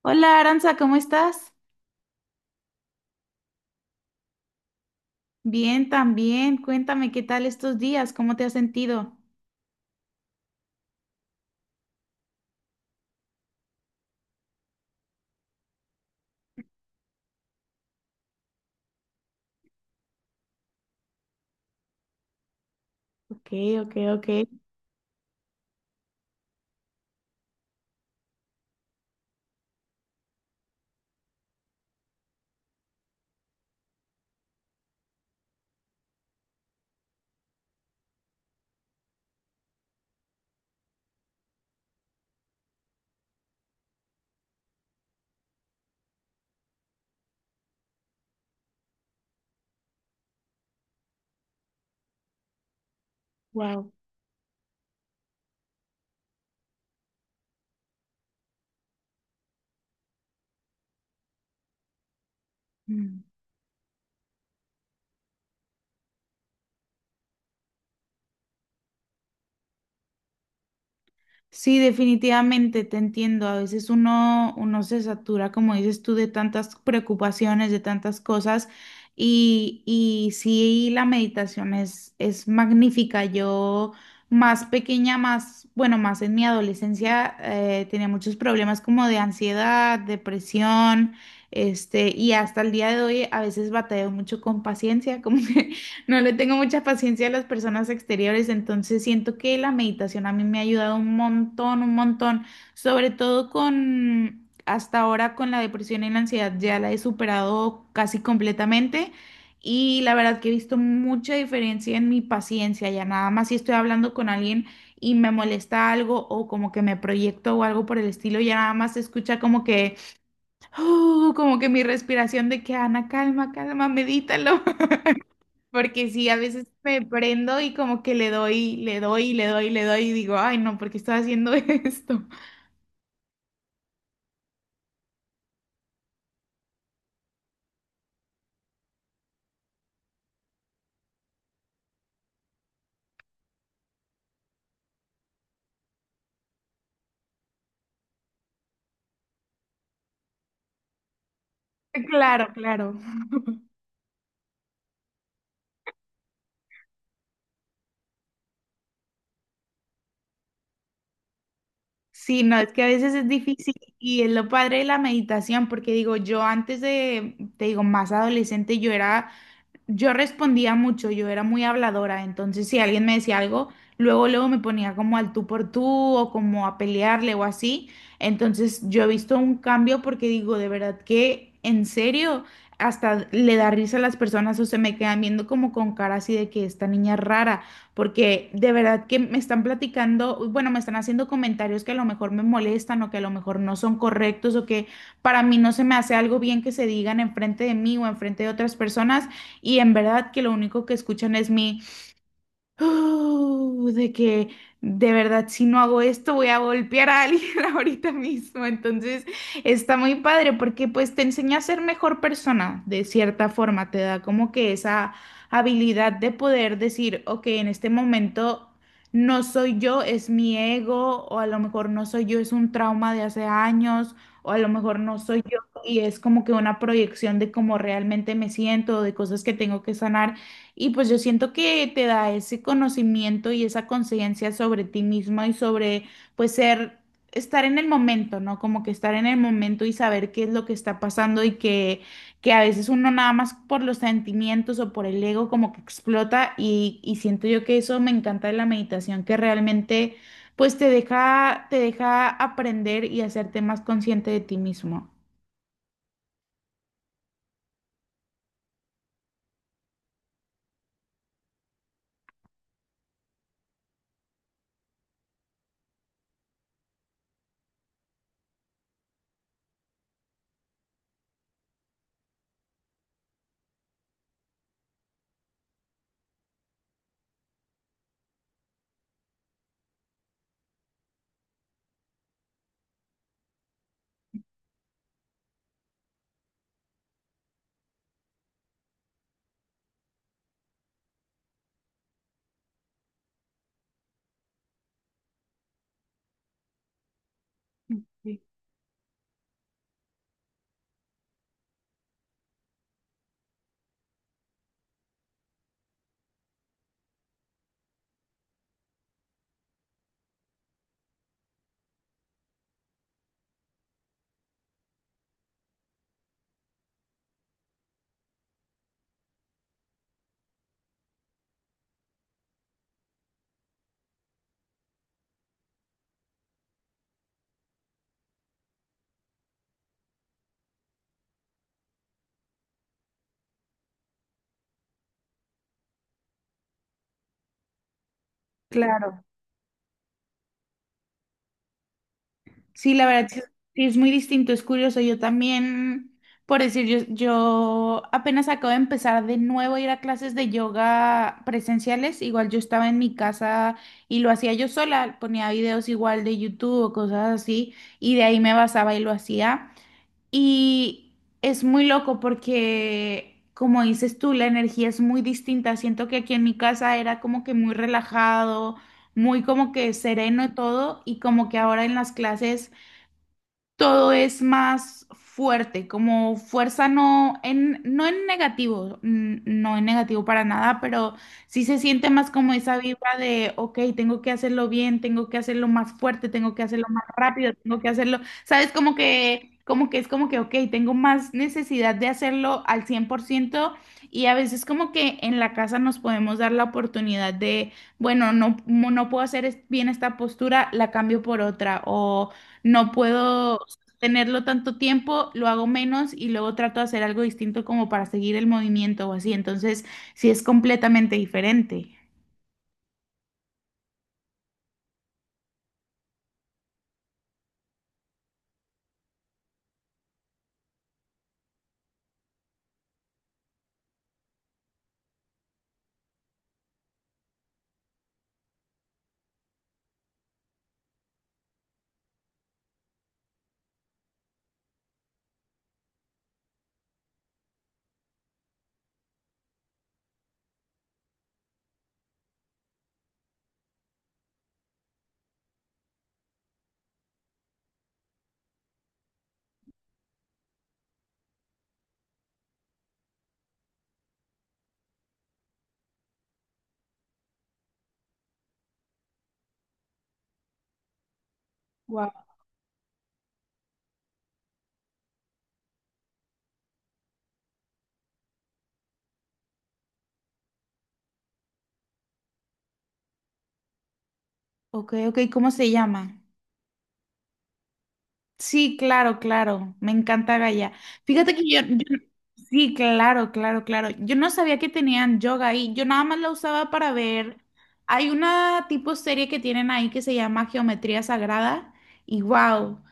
Hola Aranza, ¿cómo estás? Bien, también. Cuéntame qué tal estos días, cómo te has sentido. Ok, ok, ok. Wow. Sí, definitivamente te entiendo. A veces uno se satura, como dices tú, de tantas preocupaciones, de tantas cosas. Y sí, la meditación es magnífica. Yo más pequeña, más, bueno, más en mi adolescencia, tenía muchos problemas como de ansiedad, depresión, este, y hasta el día de hoy a veces batallo mucho con paciencia, como que no le tengo mucha paciencia a las personas exteriores. Entonces siento que la meditación a mí me ha ayudado un montón, sobre todo con, hasta ahora, con la depresión y la ansiedad. Ya la he superado casi completamente y la verdad que he visto mucha diferencia en mi paciencia. Ya nada más, si estoy hablando con alguien y me molesta algo, o como que me proyecto o algo por el estilo, ya nada más se escucha como que "uh", como que mi respiración de que Ana, calma, calma, medítalo. Porque sí, a veces me prendo y como que le doy, le doy, le doy, le doy y digo, ay, no, ¿por qué estoy haciendo esto? Claro, claro. Sí, no, es que a veces es difícil y es lo padre de la meditación. Porque digo, yo antes de, te digo, más adolescente, yo era... Yo respondía mucho, yo era muy habladora, entonces si alguien me decía algo, luego luego me ponía como al tú por tú o como a pelearle o así. Entonces yo he visto un cambio porque digo, de verdad que en serio, hasta le da risa a las personas, o se me quedan viendo como con cara así de que esta niña es rara, porque de verdad que me están platicando, bueno, me están haciendo comentarios que a lo mejor me molestan, o que a lo mejor no son correctos, o que para mí no se me hace algo bien que se digan enfrente de mí o enfrente de otras personas. Y en verdad que lo único que escuchan es mi "uh", de que de verdad, si no hago esto voy a golpear a alguien ahorita mismo. Entonces está muy padre porque pues te enseña a ser mejor persona de cierta forma. Te da como que esa habilidad de poder decir, ok, en este momento no soy yo, es mi ego. O a lo mejor no soy yo, es un trauma de hace años. O a lo mejor no soy yo y es como que una proyección de cómo realmente me siento, de cosas que tengo que sanar. Y pues yo siento que te da ese conocimiento y esa conciencia sobre ti mismo, y sobre pues ser, estar en el momento, ¿no? Como que estar en el momento y saber qué es lo que está pasando. Y que a veces uno nada más por los sentimientos o por el ego como que explota, y siento yo que eso me encanta de la meditación, que realmente pues te deja aprender y hacerte más consciente de ti mismo. Sí. Claro. Sí, la verdad sí es... Sí es muy distinto, es curioso. Yo también, por decir, yo apenas acabo de empezar de nuevo a ir a clases de yoga presenciales. Igual yo estaba en mi casa y lo hacía yo sola, ponía videos igual de YouTube o cosas así, y de ahí me basaba y lo hacía. Y es muy loco porque, como dices tú, la energía es muy distinta. Siento que aquí en mi casa era como que muy relajado, muy como que sereno todo, y como que ahora en las clases todo es más fuerte, como fuerza no en, no en negativo, no en negativo para nada, pero sí se siente más como esa vibra de, ok, tengo que hacerlo bien, tengo que hacerlo más fuerte, tengo que hacerlo más rápido, tengo que hacerlo, ¿sabes? Como que es como que, ok, tengo más necesidad de hacerlo al cien por ciento. Y a veces como que en la casa nos podemos dar la oportunidad de, bueno, no, no puedo hacer bien esta postura, la cambio por otra o... No puedo tenerlo tanto tiempo, lo hago menos y luego trato de hacer algo distinto como para seguir el movimiento o así. Entonces, sí es completamente diferente. Wow. Ok, ok, ¿cómo se llama? Sí, claro, claro. Me encanta Gaia. Fíjate que yo, sí, claro, claro, claro. Yo no sabía que tenían yoga ahí. Yo nada más la usaba para ver. Hay una tipo serie que tienen ahí que se llama Geometría Sagrada y wow.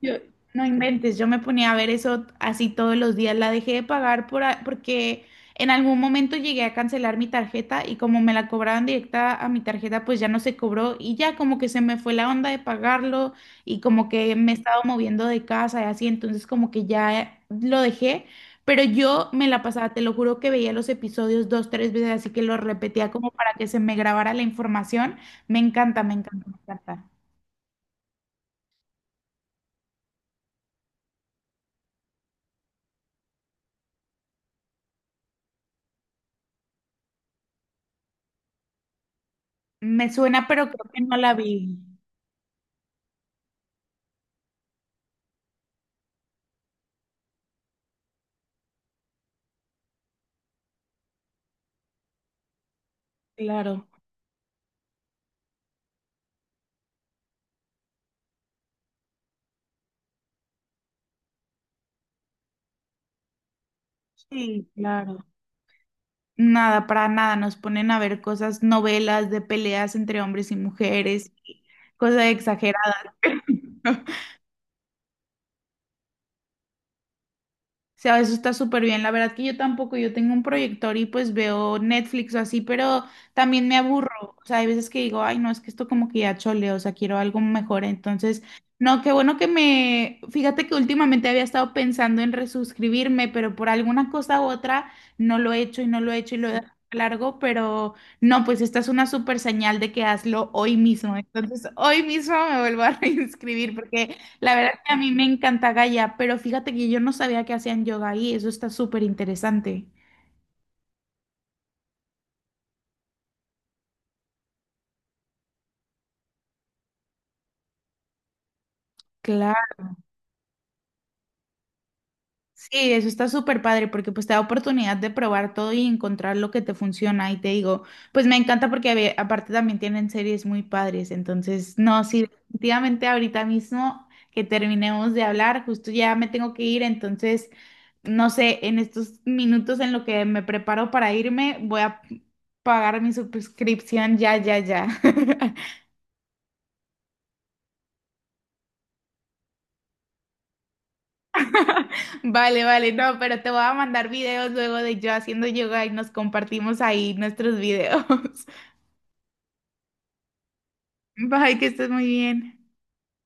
Yo, no inventes, yo me ponía a ver eso así todos los días. La dejé de pagar porque en algún momento llegué a cancelar mi tarjeta, y como me la cobraban directa a mi tarjeta, pues ya no se cobró, y ya como que se me fue la onda de pagarlo. Y como que me he estado moviendo de casa y así, entonces como que ya lo dejé, pero yo me la pasaba, te lo juro que veía los episodios dos, tres veces, así que lo repetía como para que se me grabara la información. Me encanta, me encanta, me encanta. Me suena, pero creo que no la vi. Claro, sí, claro. Nada, para nada. Nos ponen a ver cosas, novelas de peleas entre hombres y mujeres, cosas exageradas. O sea, eso está súper bien. La verdad que yo tampoco, yo tengo un proyector y pues veo Netflix o así, pero también me aburro. O sea, hay veces que digo, ay, no, es que esto como que ya chole, o sea, quiero algo mejor. Entonces, no, qué bueno que me... Fíjate que últimamente había estado pensando en resuscribirme, pero por alguna cosa u otra no lo he hecho y no lo he hecho y lo he dejado largo, pero no, pues esta es una súper señal de que hazlo hoy mismo. Entonces, hoy mismo me vuelvo a reinscribir porque... La verdad que a mí me encanta Gaia, pero fíjate que yo no sabía que hacían yoga ahí, eso está súper interesante. Claro, sí, eso está súper padre porque pues te da oportunidad de probar todo y encontrar lo que te funciona. Y te digo, pues me encanta porque aparte también tienen series muy padres, entonces no, sí, definitivamente ahorita mismo que terminemos de hablar, justo ya me tengo que ir. Entonces no sé, en estos minutos en lo que me preparo para irme, voy a pagar mi suscripción ya, ya, ya. Vale, vale, no, pero te voy a mandar videos luego de yo haciendo yoga y nos compartimos ahí nuestros videos. Bye, que estés muy bien.